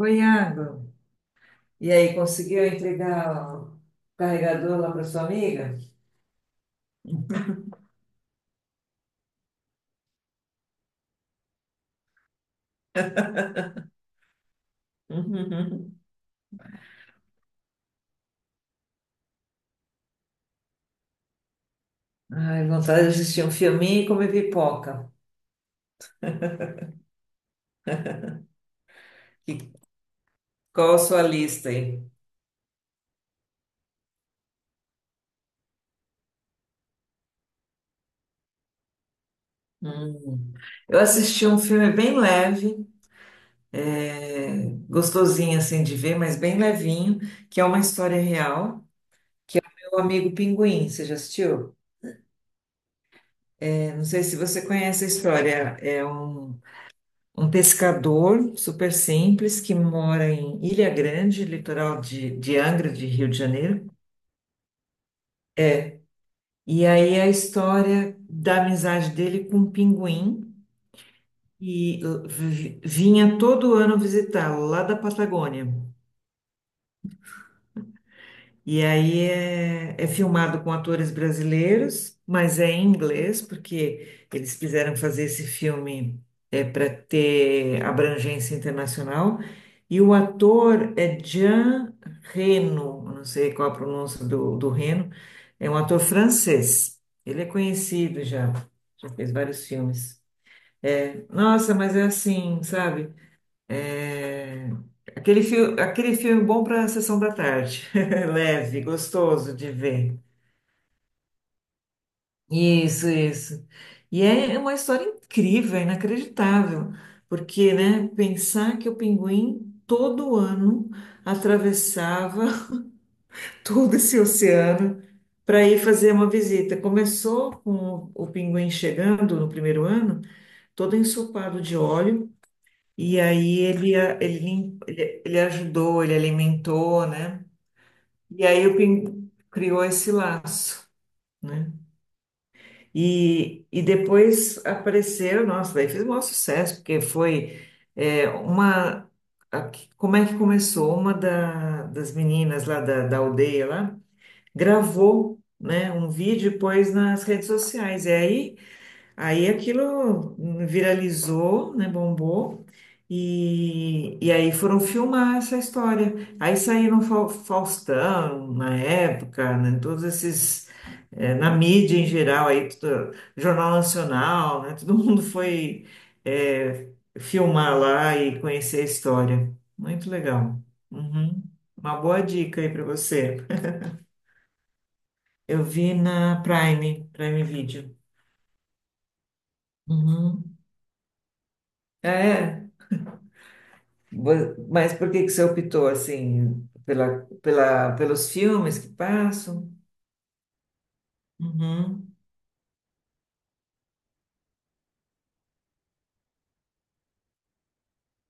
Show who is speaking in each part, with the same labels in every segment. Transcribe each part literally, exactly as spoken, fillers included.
Speaker 1: Oi, Iago. E aí, conseguiu entregar o carregador lá para sua amiga? Uhum. Ai, vontade de assistir um filminho e comer pipoca. E qual a sua lista aí? Hum. Eu assisti um filme bem leve, é, gostosinho assim de ver, mas bem levinho, que é uma história real. Meu amigo Pinguim, você já assistiu? É, não sei se você conhece a história. É um Um pescador super simples que mora em Ilha Grande, litoral de, de Angra, de Rio de Janeiro. E aí a história da amizade dele com um pinguim que uh, vi- vinha todo ano visitá-lo lá da Patagônia. E aí é, é filmado com atores brasileiros, mas é em inglês, porque eles quiseram fazer esse filme, é, para ter abrangência internacional. E o ator é Jean Reno, eu não sei qual a pronúncia do, do Reno, é um ator francês. Ele é conhecido já, já fez vários filmes. Nossa, mas é assim, sabe? É, Aquele filme, aquele filme bom para sessão da tarde. Leve, gostoso de ver. Isso, isso. E é uma história incrível, é inacreditável, porque, né, pensar que o pinguim todo ano atravessava todo esse oceano para ir fazer uma visita. Começou com o o pinguim chegando no primeiro ano, todo ensopado de óleo. E aí ele, a- ele, lim- ele ele ajudou, ele alimentou, né? E aí o Pin criou esse laço, né? E, e depois apareceu, nossa, daí fez o maior sucesso, porque foi, é, uma... a- como é que começou? Uma da- das meninas lá da, da aldeia lá gravou, né, um vídeo e pôs nas redes sociais. E aí aí aquilo viralizou, né, bombou, e, e aí foram filmar essa história. Aí saíram Fa- Faustão, na época, né, todos esses, eh, na mídia em geral, aí, tudo- Jornal Nacional, né, todo mundo foi, eh, filmar lá e conhecer a história. Muito legal. Uhum. Uma boa dica aí para você. Eu vi na Prime, Prime Video. Uhum. É. Vo- Mas por que que você optou assim pela, pela, pelos filmes que passam? Uhum.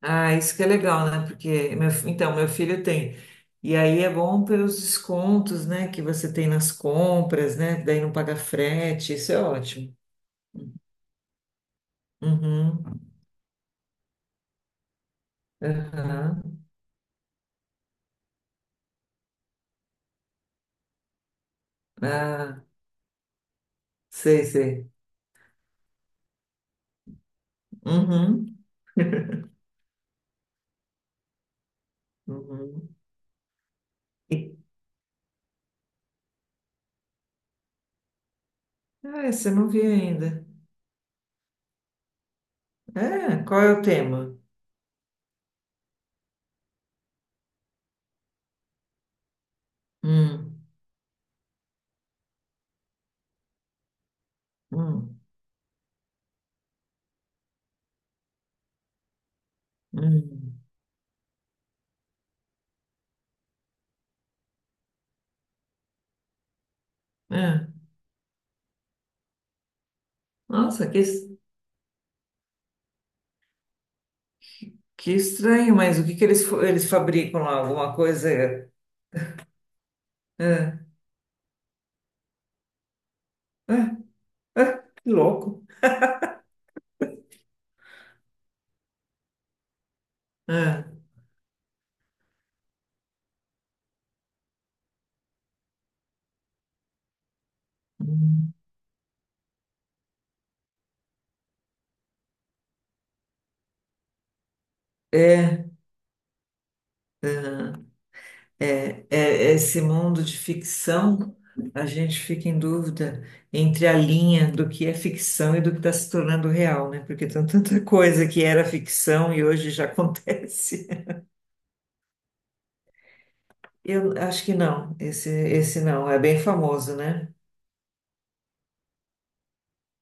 Speaker 1: Ah, isso que é legal, né? Porque meu, fi- então meu filho tem. E aí é bom pelos descontos, né, que você tem nas compras, né? Daí não paga frete, isso é ótimo. Uhum. Aham. Ah, sei, sei. Uhum. Uhum. E- Ah, você não viu ainda. É, qual é o tema? Hum, hum, hum. É. Nossa, que... Que estranho, mas o que que eles, fa- eles fabricam lá? Alguma coisa? É, é, é, que louco. É, é, é, é esse mundo de ficção, a gente fica em dúvida entre a linha do que é ficção e do que está se tornando real, né? Porque tem tanta coisa que era ficção e hoje já acontece. Eu acho que não, esse, esse não, é bem famoso, né?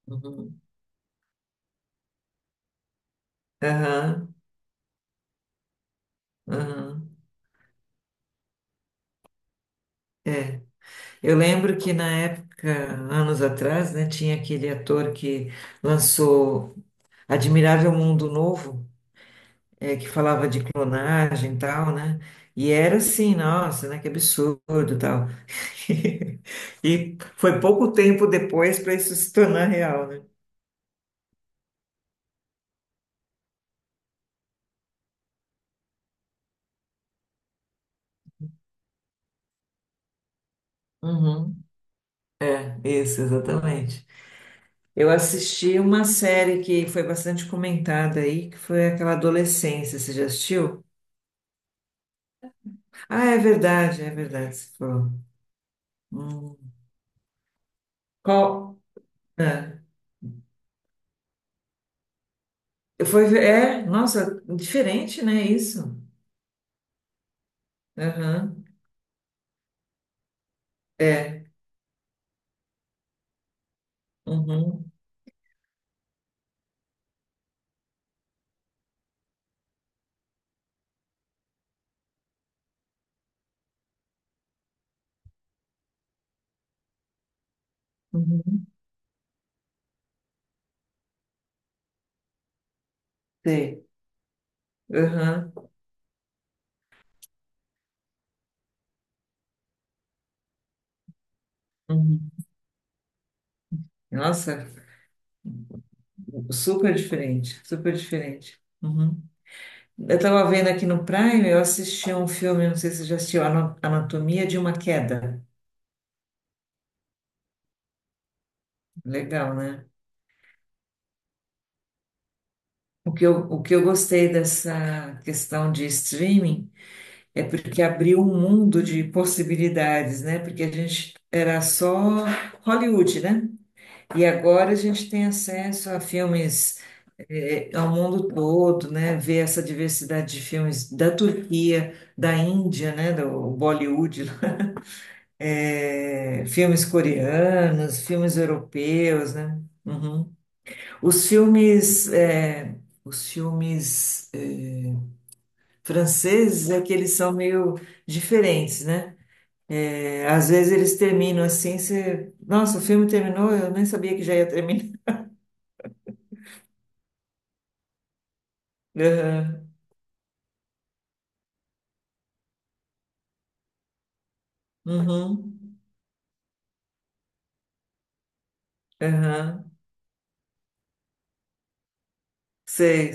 Speaker 1: Uhum. Aham, aham. Eu lembro que na época, anos atrás, né, tinha aquele ator que lançou Admirável Mundo Novo, eh, que falava de clonagem e tal, né? E era assim, nossa, né, que absurdo e tal. E foi pouco tempo depois para isso se tornar real, né? Uhum. É, isso, exatamente. Eu assisti uma série que foi bastante comentada aí, que foi aquela Adolescência, você já assistiu? Ah, é verdade, é verdade, você falou. Hum. Qual, é. Eu fui ver- é, nossa, diferente, né, isso? Aham, é, uhum, uhum, sei, aham, uhum. Nossa, super diferente, super diferente. Uhum. Eu tava vendo aqui no Prime, eu assisti um filme, não sei se você já assistiu, Ano- Anatomia de uma Queda. Legal, né? O que eu, o que eu gostei dessa questão de streaming é porque abriu um mundo de possibilidades, né? Porque a gente era só Hollywood, né? E agora a gente tem acesso a filmes, eh, ao mundo todo, né? Ver essa diversidade de filmes da Turquia, da Índia, né? Do Bollywood, lá. Eh, filmes coreanos, filmes europeus, né? Uhum. Os filmes, eh, os filmes, eh, franceses é que eles são meio diferentes, né? Eh, às vezes eles terminam assim, você... Nossa, o filme terminou, eu nem sabia que já ia terminar. Uhum. Aham. Sei.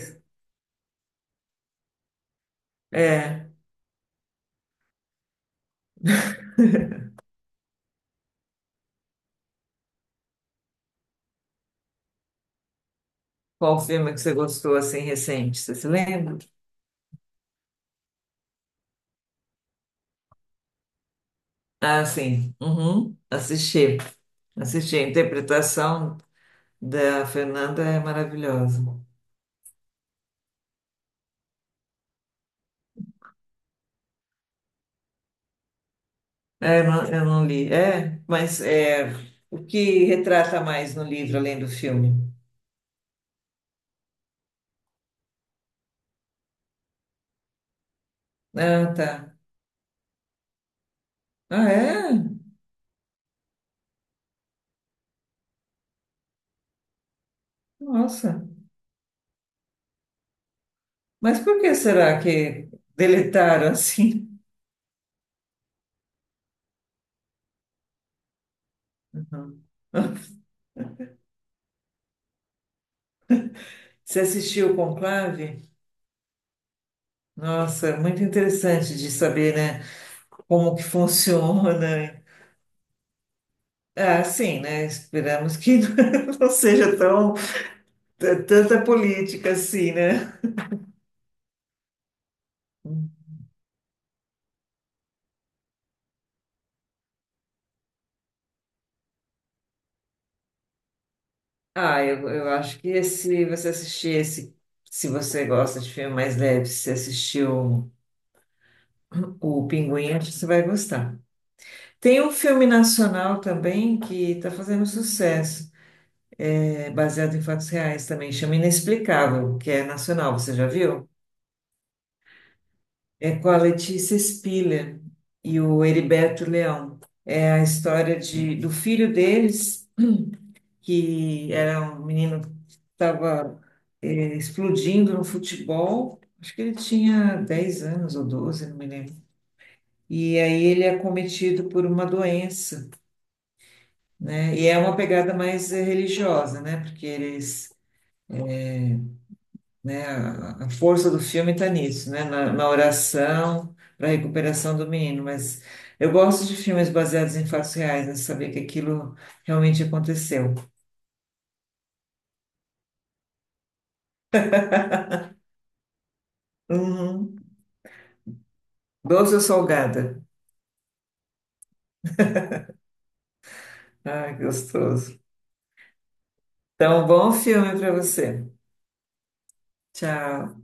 Speaker 1: É. Qual filme que você gostou assim recente? Você se lembra? Ah, sim. Uhum. Assisti. Assisti. A interpretação da Fernanda é maravilhosa. É, eu não, eu não li. É, mas é, o que retrata mais no livro além do filme? Ah, tá. Ah, é? Nossa. Mas por que será que deletaram assim? Uhum. Você assistiu o Conclave? Nossa, muito interessante de saber, né, como que funciona. Ah, sim, né? Esperamos que não seja tão t- tanta política assim, né? Ah, eu, eu acho que se você assistir esse, se você gosta de filme mais leve, se você assistiu o Pinguim, acho que você vai gostar. Tem um filme nacional também que está fazendo sucesso, é baseado em fatos reais também, chama Inexplicável, que é nacional, você já viu? É com a Letícia Spiller e o Heriberto Leão. É a história de, do filho deles, que era um menino que estava explodindo no futebol. Acho que ele tinha dez anos ou doze, não me lembro. E aí ele é acometido por uma doença, né? E é uma pegada mais, eh, religiosa, né? Porque eles... né? A a força do filme está nisso, né? Na, na oração, para a recuperação do menino. Mas eu gosto de filmes baseados em fatos reais, né? Saber que aquilo realmente aconteceu. Uhum. Doce ou salgada? Ai, que gostoso. Então, bom filme para você. Tchau.